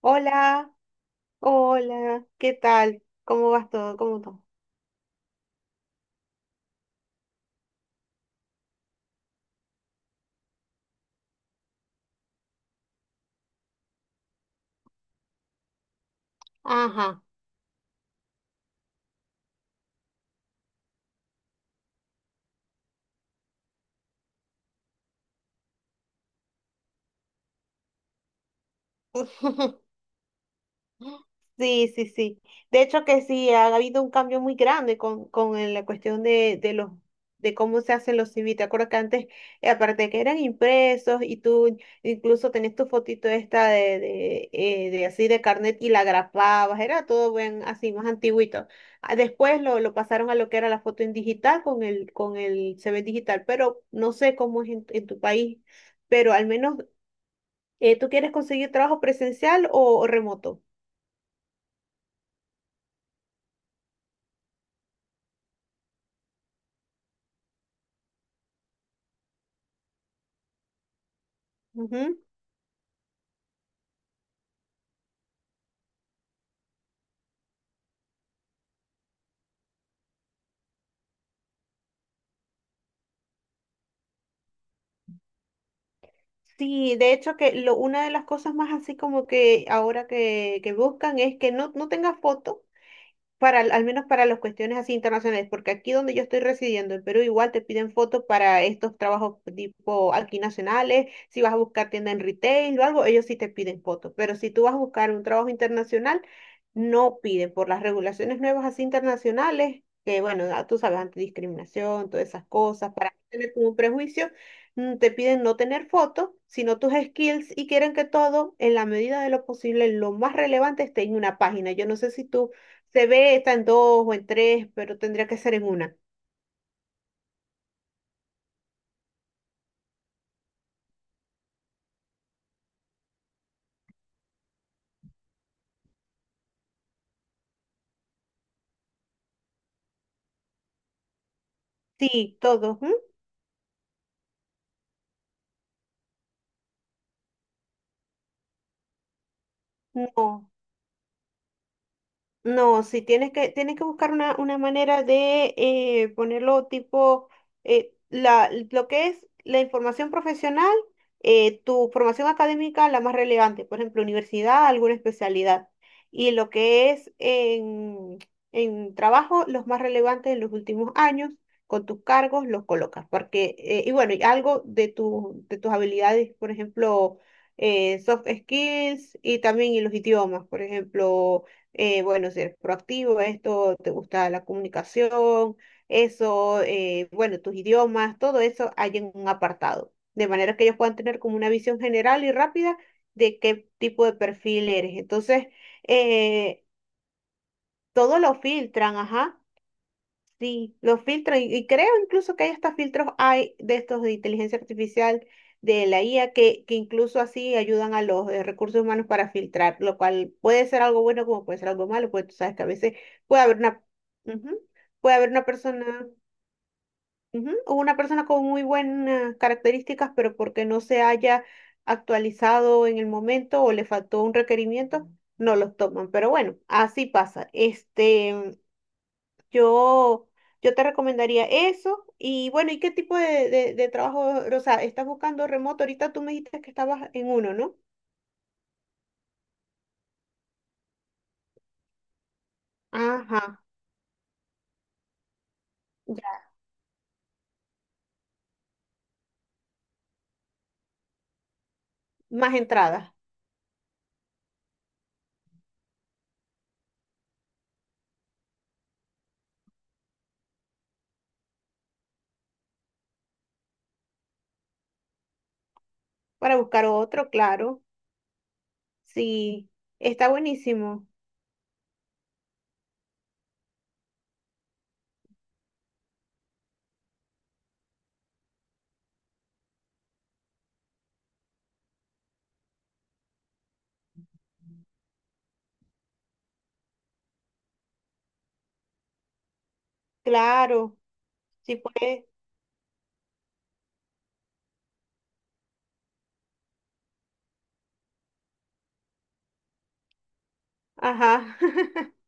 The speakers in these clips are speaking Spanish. Hola, hola, ¿qué tal? ¿Cómo vas todo? ¿Cómo todo? Ajá. Sí, sí, sí. De hecho que sí, ha habido un cambio muy grande con la cuestión de cómo se hacen los CV. Te acuerdas que antes, aparte de que eran impresos y tú incluso tenías tu fotito esta de así de carnet y la grapabas, era todo bien así, más antiguito. Ah, después lo pasaron a lo que era la foto en digital con el C V digital, pero no sé cómo es en tu país, pero al menos tú quieres conseguir trabajo presencial o remoto. Sí, de hecho que una de las cosas más así como que ahora que buscan es que no tenga foto al menos para las cuestiones así internacionales, porque aquí donde yo estoy residiendo, en Perú, igual te piden fotos para estos trabajos tipo aquí nacionales, si vas a buscar tienda en retail o algo, ellos sí te piden fotos, pero si tú vas a buscar un trabajo internacional, no piden por las regulaciones nuevas así internacionales, que bueno, ah, tú sabes, antidiscriminación, todas esas cosas, para no tener como un prejuicio, te piden no tener fotos, sino tus skills y quieren que todo, en la medida de lo posible, lo más relevante esté en una página. Yo no sé si tú se ve, está en dos o en tres, pero tendría que ser en una. Sí, todos. ¿M? No. No, sí, tienes que buscar una, manera de ponerlo tipo, lo que es la información profesional, tu formación académica, la más relevante, por ejemplo, universidad, alguna especialidad, y lo que es en trabajo, los más relevantes en los últimos años, con tus cargos los colocas, porque, y bueno, y algo de tus habilidades, por ejemplo, soft skills y también y los idiomas, por ejemplo bueno, ser proactivo, esto, te gusta la comunicación, eso, bueno, tus idiomas, todo eso hay en un apartado, de manera que ellos puedan tener como una visión general y rápida de qué tipo de perfil eres. Entonces, eh, todo lo filtran, ajá. Sí, los filtros, y creo incluso que hay hasta filtros hay de estos de inteligencia artificial de la IA que incluso así ayudan a los recursos humanos para filtrar, lo cual puede ser algo bueno como puede ser algo malo, pues tú sabes que a veces puede haber una, ujú, puede haber una persona, ujú, o una persona con muy buenas características, pero porque no se haya actualizado en el momento o le faltó un requerimiento, no los toman. Pero bueno, así pasa. Este, yo, yo te recomendaría eso. Y bueno, ¿y qué tipo de trabajo, o sea, estás buscando remoto? Ahorita tú me dijiste que estabas en uno, ¿no? Ajá, ya. Más entradas para buscar otro, claro. Sí, está buenísimo. Claro, sí puedes. Ajá.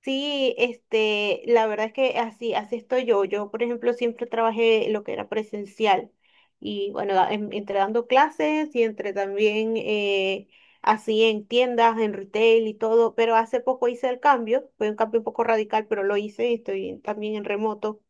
Sí, este, la verdad es que así, así estoy yo. Yo, por ejemplo, siempre trabajé lo que era presencial. Y bueno, entre dando clases y entre también así en tiendas, en retail y todo. Pero hace poco hice el cambio, fue un cambio un poco radical, pero lo hice y estoy también en remoto.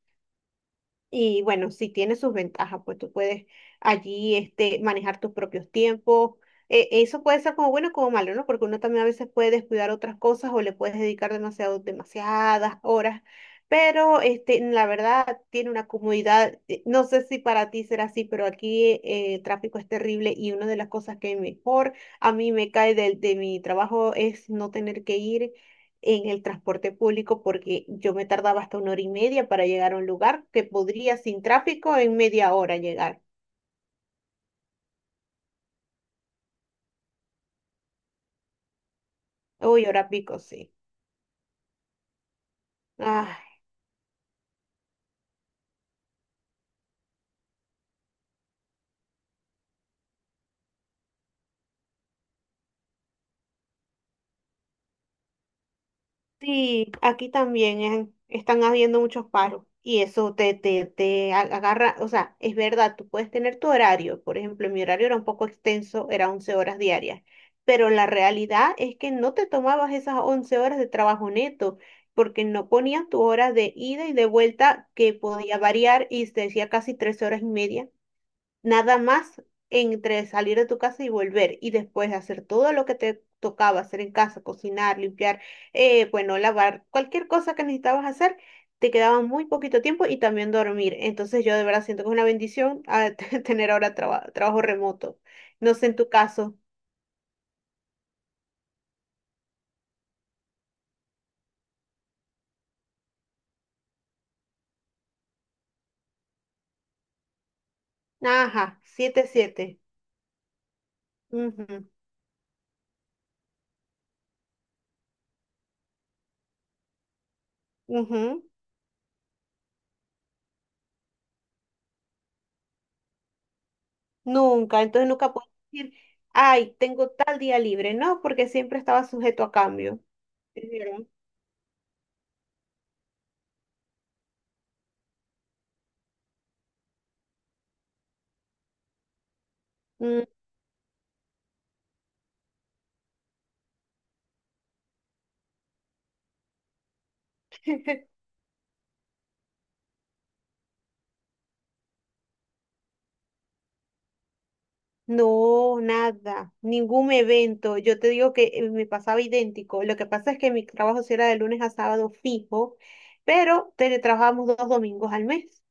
Y bueno, sí tiene sus ventajas, pues tú puedes allí este, manejar tus propios tiempos. Eso puede ser como bueno o como malo, ¿no? Porque uno también a veces puede descuidar otras cosas o le puedes dedicar demasiado, demasiadas horas. Pero este, la verdad tiene una comodidad. No sé si para ti será así, pero aquí el tráfico es terrible y una de las cosas que mejor a mí me cae del de mi trabajo es no tener que ir en el transporte público porque yo me tardaba hasta una hora y media para llegar a un lugar que podría sin tráfico en media hora llegar. Uy, hora pico, sí. Ah. Sí, aquí también están habiendo muchos paros y eso te agarra, o sea, es verdad, tú puedes tener tu horario, por ejemplo, mi horario era un poco extenso, era 11 horas diarias, pero la realidad es que no te tomabas esas 11 horas de trabajo neto, porque no ponías tu hora de ida y de vuelta que podía variar y se decía casi 3 horas y media. Nada más entre salir de tu casa y volver y después hacer todo lo que te tocaba hacer en casa, cocinar, limpiar, bueno, lavar, cualquier cosa que necesitabas hacer, te quedaba muy poquito tiempo y también dormir. Entonces yo de verdad siento que es una bendición tener ahora trabajo remoto. No sé en tu caso. Ajá, siete, siete. Ujú, ujú. Nunca, entonces nunca puedes decir, ay, tengo tal día libre, no, porque siempre estaba sujeto a cambio. Es verdad. Mm. No, nada, ningún evento. Yo te digo que me pasaba idéntico. Lo que pasa es que mi trabajo sí era de lunes a sábado fijo, pero teletrabajábamos 2 domingos al mes.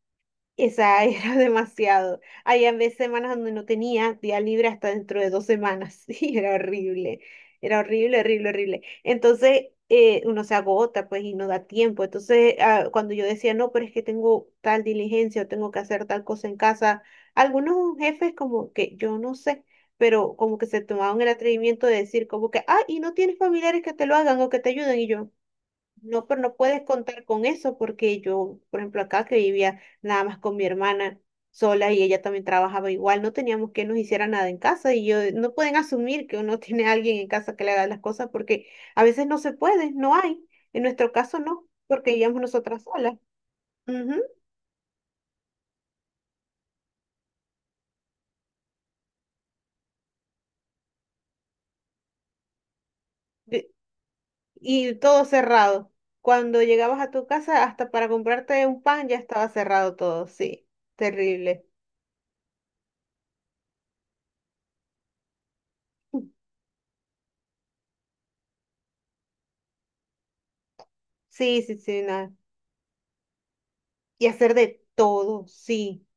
Esa era demasiado. Había veces semanas donde no tenía día libre hasta dentro de 2 semanas. Y era horrible. Era horrible, horrible, horrible. Entonces, uno se agota, pues, y no da tiempo. Entonces, ah, cuando yo decía, no, pero es que tengo tal diligencia o tengo que hacer tal cosa en casa, algunos jefes como que, yo no sé, pero como que se tomaban el atrevimiento de decir como que, ah, y no tienes familiares que te lo hagan o que te ayuden. Y yo, no, pero no puedes contar con eso porque yo, por ejemplo, acá que vivía nada más con mi hermana sola y ella también trabajaba igual, no teníamos que nos hiciera nada en casa y yo no pueden asumir que uno tiene a alguien en casa que le haga las cosas porque a veces no se puede, no hay. En nuestro caso no, porque vivíamos nosotras solas. Ujú. De- Y todo cerrado. Cuando llegabas a tu casa, hasta para comprarte un pan ya estaba cerrado todo, sí, terrible. Sí, sí, sí, nada. Y hacer de todo, sí.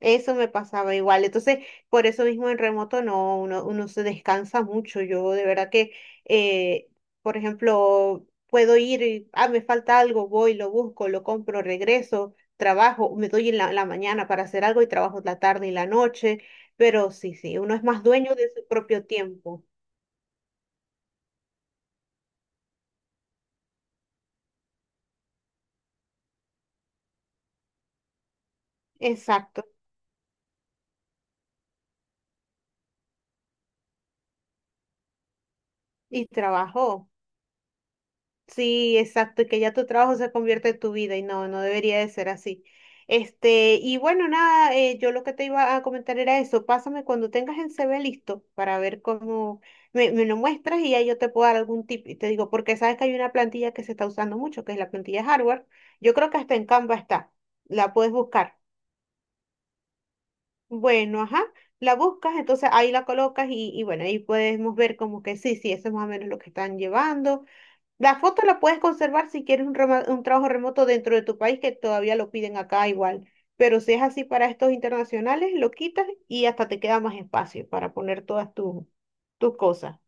Eso me pasaba igual. Entonces, por eso mismo en remoto no, uno se descansa mucho. Yo de verdad que, eh, por ejemplo, puedo ir y, ah, me falta algo, voy, lo busco, lo compro, regreso, trabajo, me doy en la mañana para hacer algo y trabajo la tarde y la noche. Pero sí, sí, uno es más dueño de su propio tiempo. Exacto. Y trabajo. Sí, exacto, y que ya tu trabajo se convierte en tu vida y no debería de ser así. Este, y bueno, nada, yo lo que te iba a comentar era eso, pásame cuando tengas el CV listo para ver cómo me lo muestras y ya yo te puedo dar algún tip y te digo, porque sabes que hay una plantilla que se está usando mucho, que es la plantilla hardware, yo creo que hasta en Canva está, la puedes buscar. Bueno, ajá, la buscas, entonces ahí la colocas y, bueno, ahí podemos ver como que sí, sí, eso es más o menos lo que están llevando. La foto la puedes conservar si quieres un trabajo remoto dentro de tu país, que todavía lo piden acá igual. Pero si es así para estos internacionales, lo quitas y hasta te queda más espacio para poner todas tus cosas.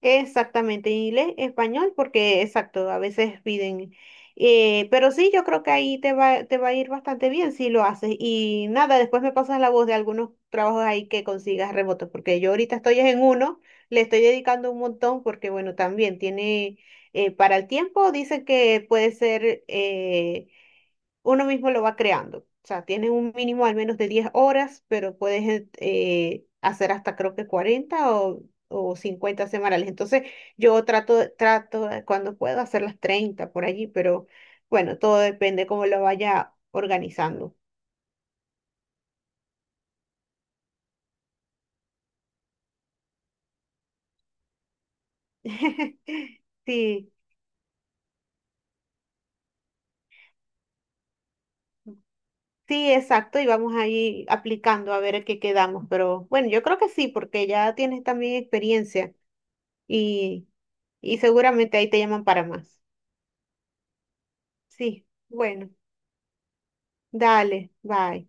Exactamente, inglés, español, porque exacto, a veces piden. Pero sí, yo creo que ahí te va a ir bastante bien si lo haces. Y nada, después me pasas la voz de algunos trabajos ahí que consigas remotos, porque yo ahorita estoy en uno, le estoy dedicando un montón, porque bueno, también tiene, para el tiempo, dice que puede ser uno mismo lo va creando. O sea, tienes un mínimo al menos de 10 horas, pero puedes hacer hasta creo que 40 o 50 semanales. Entonces, yo trato cuando puedo hacer las 30 por allí, pero bueno, todo depende cómo lo vaya organizando. Sí, sí, exacto, y vamos ahí aplicando a ver a qué quedamos, pero bueno, yo creo que sí, porque ya tienes también experiencia y, y seguramente ahí te llaman para más. Sí, bueno. Dale, bye.